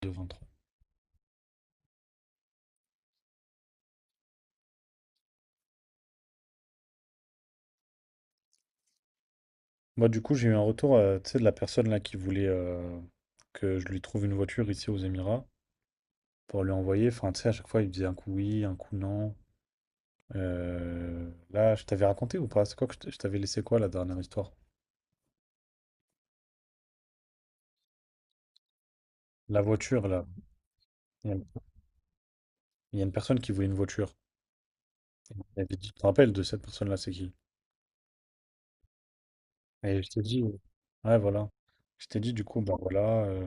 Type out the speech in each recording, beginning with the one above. Devant trop. Moi, du coup, j'ai eu un retour tu sais, de la personne là qui voulait que je lui trouve une voiture ici aux Émirats pour lui envoyer. Enfin, tu sais, à chaque fois, il me disait un coup oui, un coup non. Là, je t'avais raconté ou pas? C'est quoi que je t'avais laissé quoi la dernière histoire? La voiture, là. Il y a il y a une personne qui voulait une voiture. Et puis, tu te rappelles de cette personne-là, c'est qui? Et je t'ai dit, ouais, voilà. Je t'ai dit, du coup, bah voilà.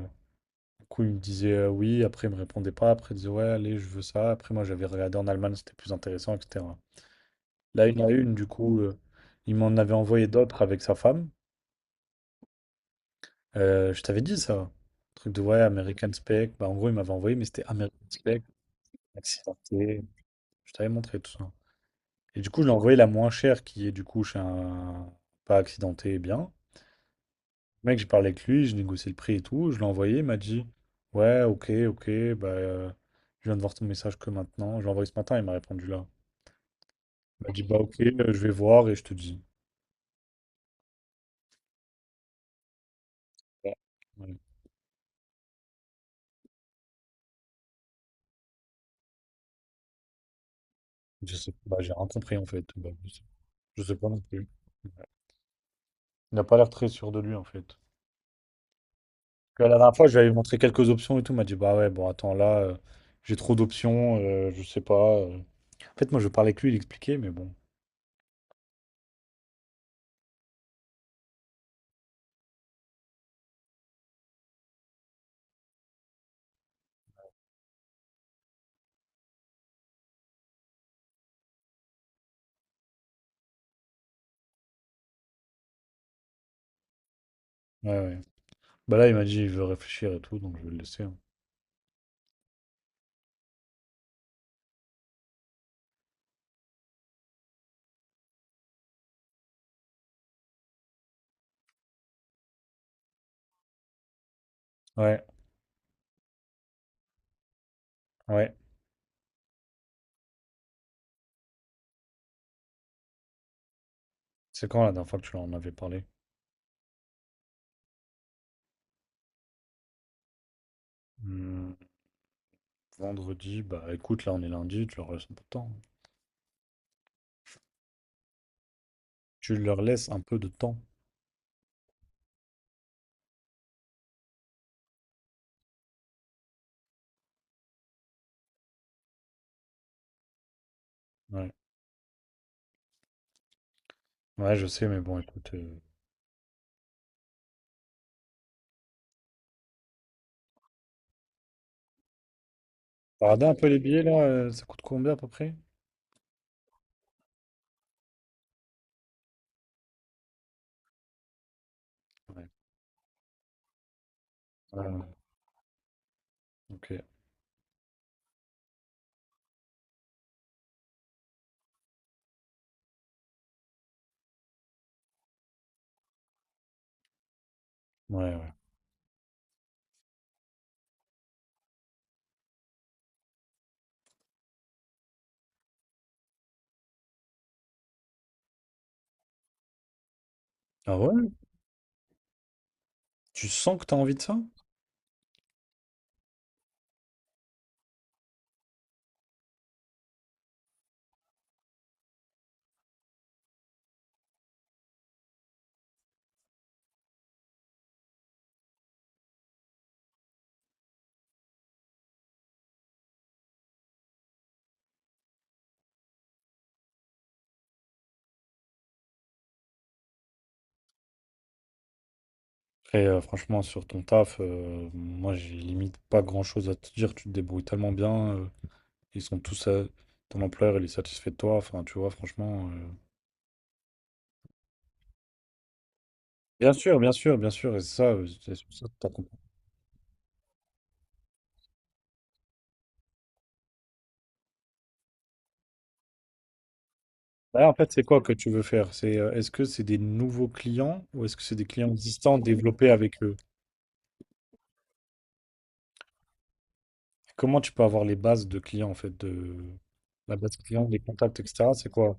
Du coup, il me disait oui, après, il me répondait pas. Après, il disait, ouais, allez, je veux ça. Après, moi, j'avais regardé en Allemagne, c'était plus intéressant, etc. Là, une à une, du coup, il m'en avait envoyé d'autres avec sa femme. Je t'avais dit ça. Truc de ouais, American Spec. Bah, en gros, il m'avait envoyé, mais c'était American accidenté. Je t'avais montré tout ça. Et du coup, je l'ai envoyé la moins chère, qui est du coup chez un pas accidenté, bien. Le mec, j'ai parlé avec lui, j'ai négocié le prix et tout. Je l'ai envoyé, il m'a dit ouais, ok, ok, bah, je viens de voir ton message que maintenant. Je l'ai envoyé ce matin, il m'a répondu là. Il m'a dit bah, ok, je vais voir et je te dis. Ouais. Je sais pas, j'ai rien compris en fait. Bah, je sais pas non plus. Il n'a pas l'air très sûr de lui en fait. Puis à la dernière fois, je lui avais montré quelques options et tout. Il m'a dit, bah ouais, bon, attends, là, j'ai trop d'options, je sais pas. En fait, moi, je parlais avec lui, il expliquait, mais bon. Ouais, ouais. Bah là, il m'a dit, il veut réfléchir et tout, donc je vais le laisser, hein. Ouais, ouais. C'est quand la dernière fois que tu en avais parlé? Hmm, vendredi, bah écoute, là, on est lundi, tu leur laisses un peu de temps. Tu leur laisses un peu de temps. Ouais, ouais, je sais, mais bon, écoute. Regardez un peu les billets là, ça coûte combien à peu près? Ouais. Ouais, ouais, ok. Ouais, ouais. Ah ouais? Tu sens que t'as envie de ça? Après, franchement, sur ton taf, moi, j'ai limite pas grand-chose à te dire. Tu te débrouilles tellement bien. Ils sont tous à... Ton employeur, il est satisfait de toi. Enfin, tu vois, franchement... Bien sûr, bien sûr, bien sûr. Et c'est ça, c'est sur ça que t'as compris. Bah, en fait, c'est quoi que tu veux faire? C'est, est-ce que c'est des nouveaux clients ou est-ce que c'est des clients existants développés avec eux? Comment tu peux avoir les bases de clients, en fait, de... La base client, les contacts, etc. C'est quoi?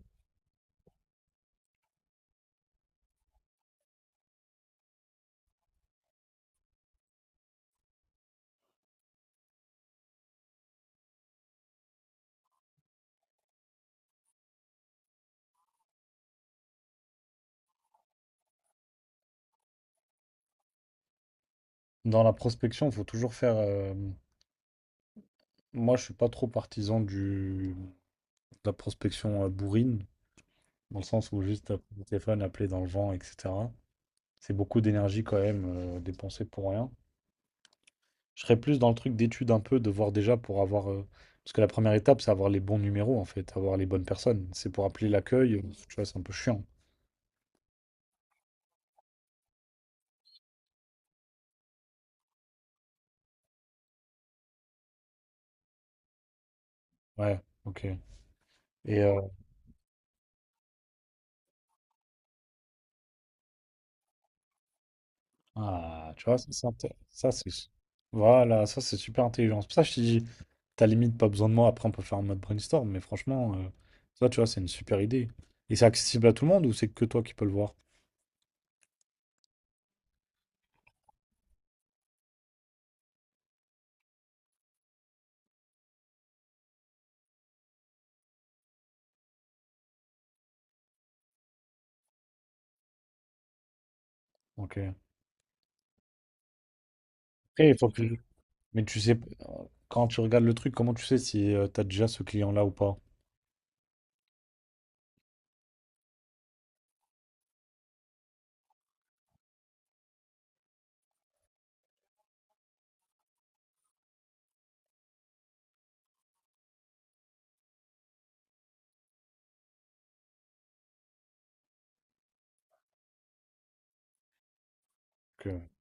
Dans la prospection, il faut toujours faire... Moi, je suis pas trop partisan du, de la prospection bourrine, dans le sens où juste le téléphone, appeler dans le vent, etc. C'est beaucoup d'énergie quand même dépensée pour rien. Je serais plus dans le truc d'étude un peu, de voir déjà pour avoir. Parce que la première étape, c'est avoir les bons numéros en fait, avoir les bonnes personnes. C'est pour appeler l'accueil, tu vois, c'est un peu chiant. Ouais, ok. Et Ah, tu vois, ça, ça, c'est... Voilà, ça, c'est super intelligent. C'est pour ça que je te dis, t'as limite pas besoin de moi. Après, on peut faire un mode brainstorm, mais franchement, ça, tu vois, c'est une super idée. Et c'est accessible à tout le monde ou c'est que toi qui peux le voir? Ok. Après, il faut que... Mais tu sais, quand tu regardes le truc, comment tu sais si t'as déjà ce client-là ou pas? Ok.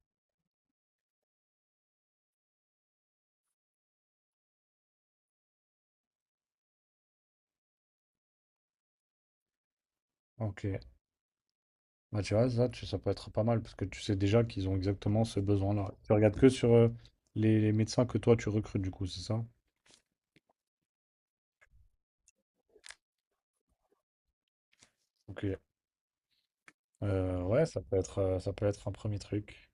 Ok. Bah, tu vois, ça, ça peut être pas mal parce que tu sais déjà qu'ils ont exactement ce besoin-là. Tu regardes que sur les médecins que toi, tu recrutes, du coup, c'est ça? Ok. Ouais, ça peut être un premier truc.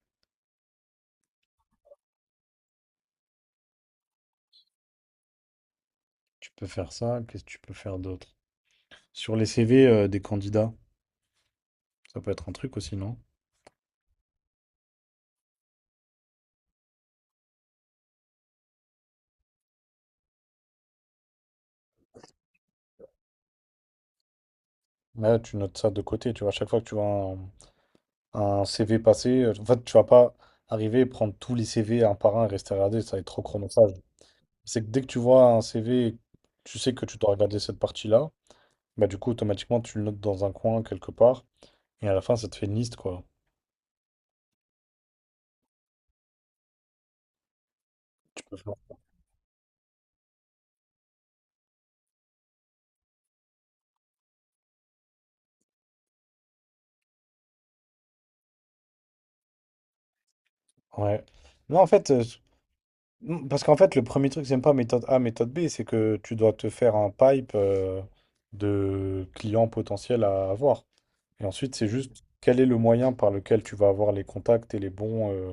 Tu peux faire ça, qu'est-ce que tu peux faire d'autre? Sur les CV des candidats, ça peut être un truc aussi, non? Là, tu notes ça de côté, tu vois, à chaque fois que tu vois un CV passer, en fait, tu vas pas arriver et prendre tous les CV un par un et rester regarder, ça va être trop chronophage. C'est que dès que tu vois un CV, tu sais que tu dois regarder cette partie-là, bah du coup, automatiquement, tu le notes dans un coin, quelque part, et à la fin, ça te fait une liste, quoi. Tu peux faire. Ouais. Non, en fait, parce qu'en fait, le premier truc, c'est même pas méthode A, méthode B, c'est que tu dois te faire un pipe de clients potentiels à avoir. Et ensuite, c'est juste quel est le moyen par lequel tu vas avoir les contacts et les bons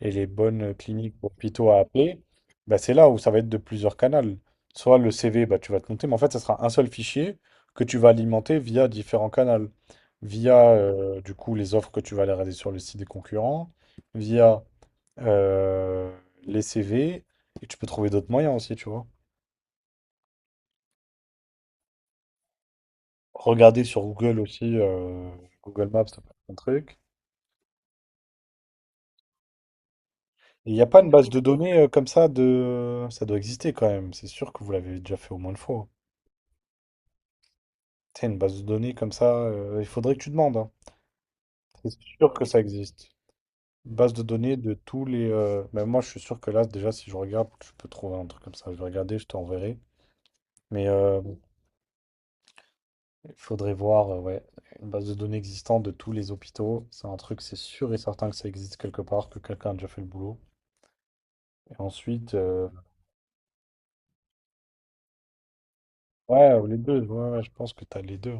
et les bonnes cliniques ou hôpitaux à appeler. Bah, c'est là où ça va être de plusieurs canaux. Soit le CV, bah, tu vas te monter, mais en fait, ça sera un seul fichier que tu vas alimenter via différents canaux. Via du coup les offres que tu vas aller regarder sur le site des concurrents, via euh, les CV, et tu peux trouver d'autres moyens aussi, tu vois. Regarder sur Google aussi, Google Maps, ça peut être un truc. Et il n'y a pas une base de données comme ça de... Ça doit exister quand même, c'est sûr que vous l'avez déjà fait au moins une fois. T'as une base de données comme ça, il faudrait que tu demandes, hein. C'est sûr que ça existe. Une base de données de tous les... Même moi, je suis sûr que là, déjà, si je regarde, je peux trouver un truc comme ça. Je vais regarder, je t'enverrai. Mais euh, Il faudrait voir, ouais, une base de données existante de tous les hôpitaux. C'est un truc, c'est sûr et certain que ça existe quelque part, que quelqu'un a déjà fait le boulot. Et ensuite, ouais, ou les deux, ouais, ouais, je pense que tu as les deux.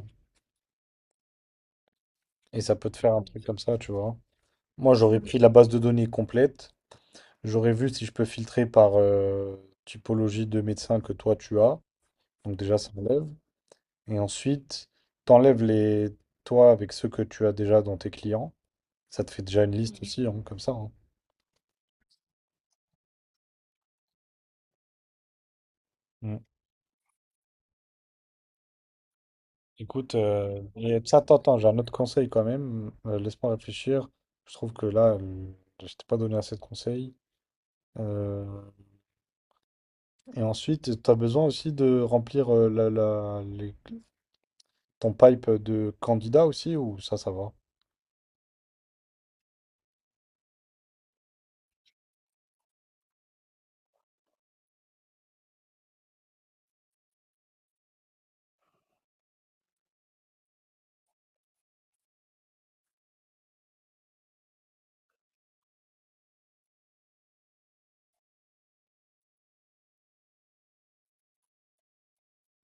Et ça peut te faire un truc comme ça, tu vois. Moi, j'aurais pris la base de données complète. J'aurais vu si je peux filtrer par typologie de médecin que toi tu as. Donc déjà, ça enlève. Et ensuite, t'enlèves les toi avec ceux que tu as déjà dans tes clients. Ça te fait déjà une liste aussi, hein, comme ça, hein. Mm. Écoute, et ça, attends, attends, j'ai un autre conseil quand même. Laisse-moi réfléchir. Je trouve que là, je t'ai pas donné assez de conseils. Euh, et ensuite, tu as besoin aussi de remplir ton pipe de candidat aussi, ou ça va?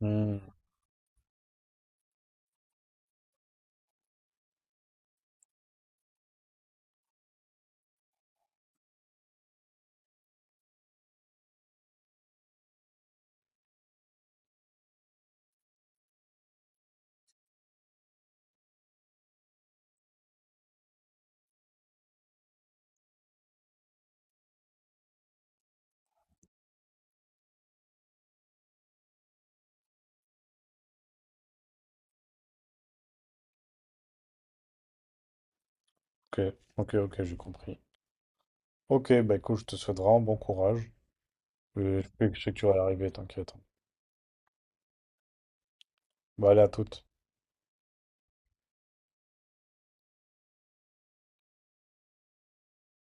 Hmm, ok, ok, ok, j'ai compris. Ok, bah écoute, je te souhaite vraiment bon courage. Je sais que tu vas y arriver, t'inquiète. Bah allez, à toutes.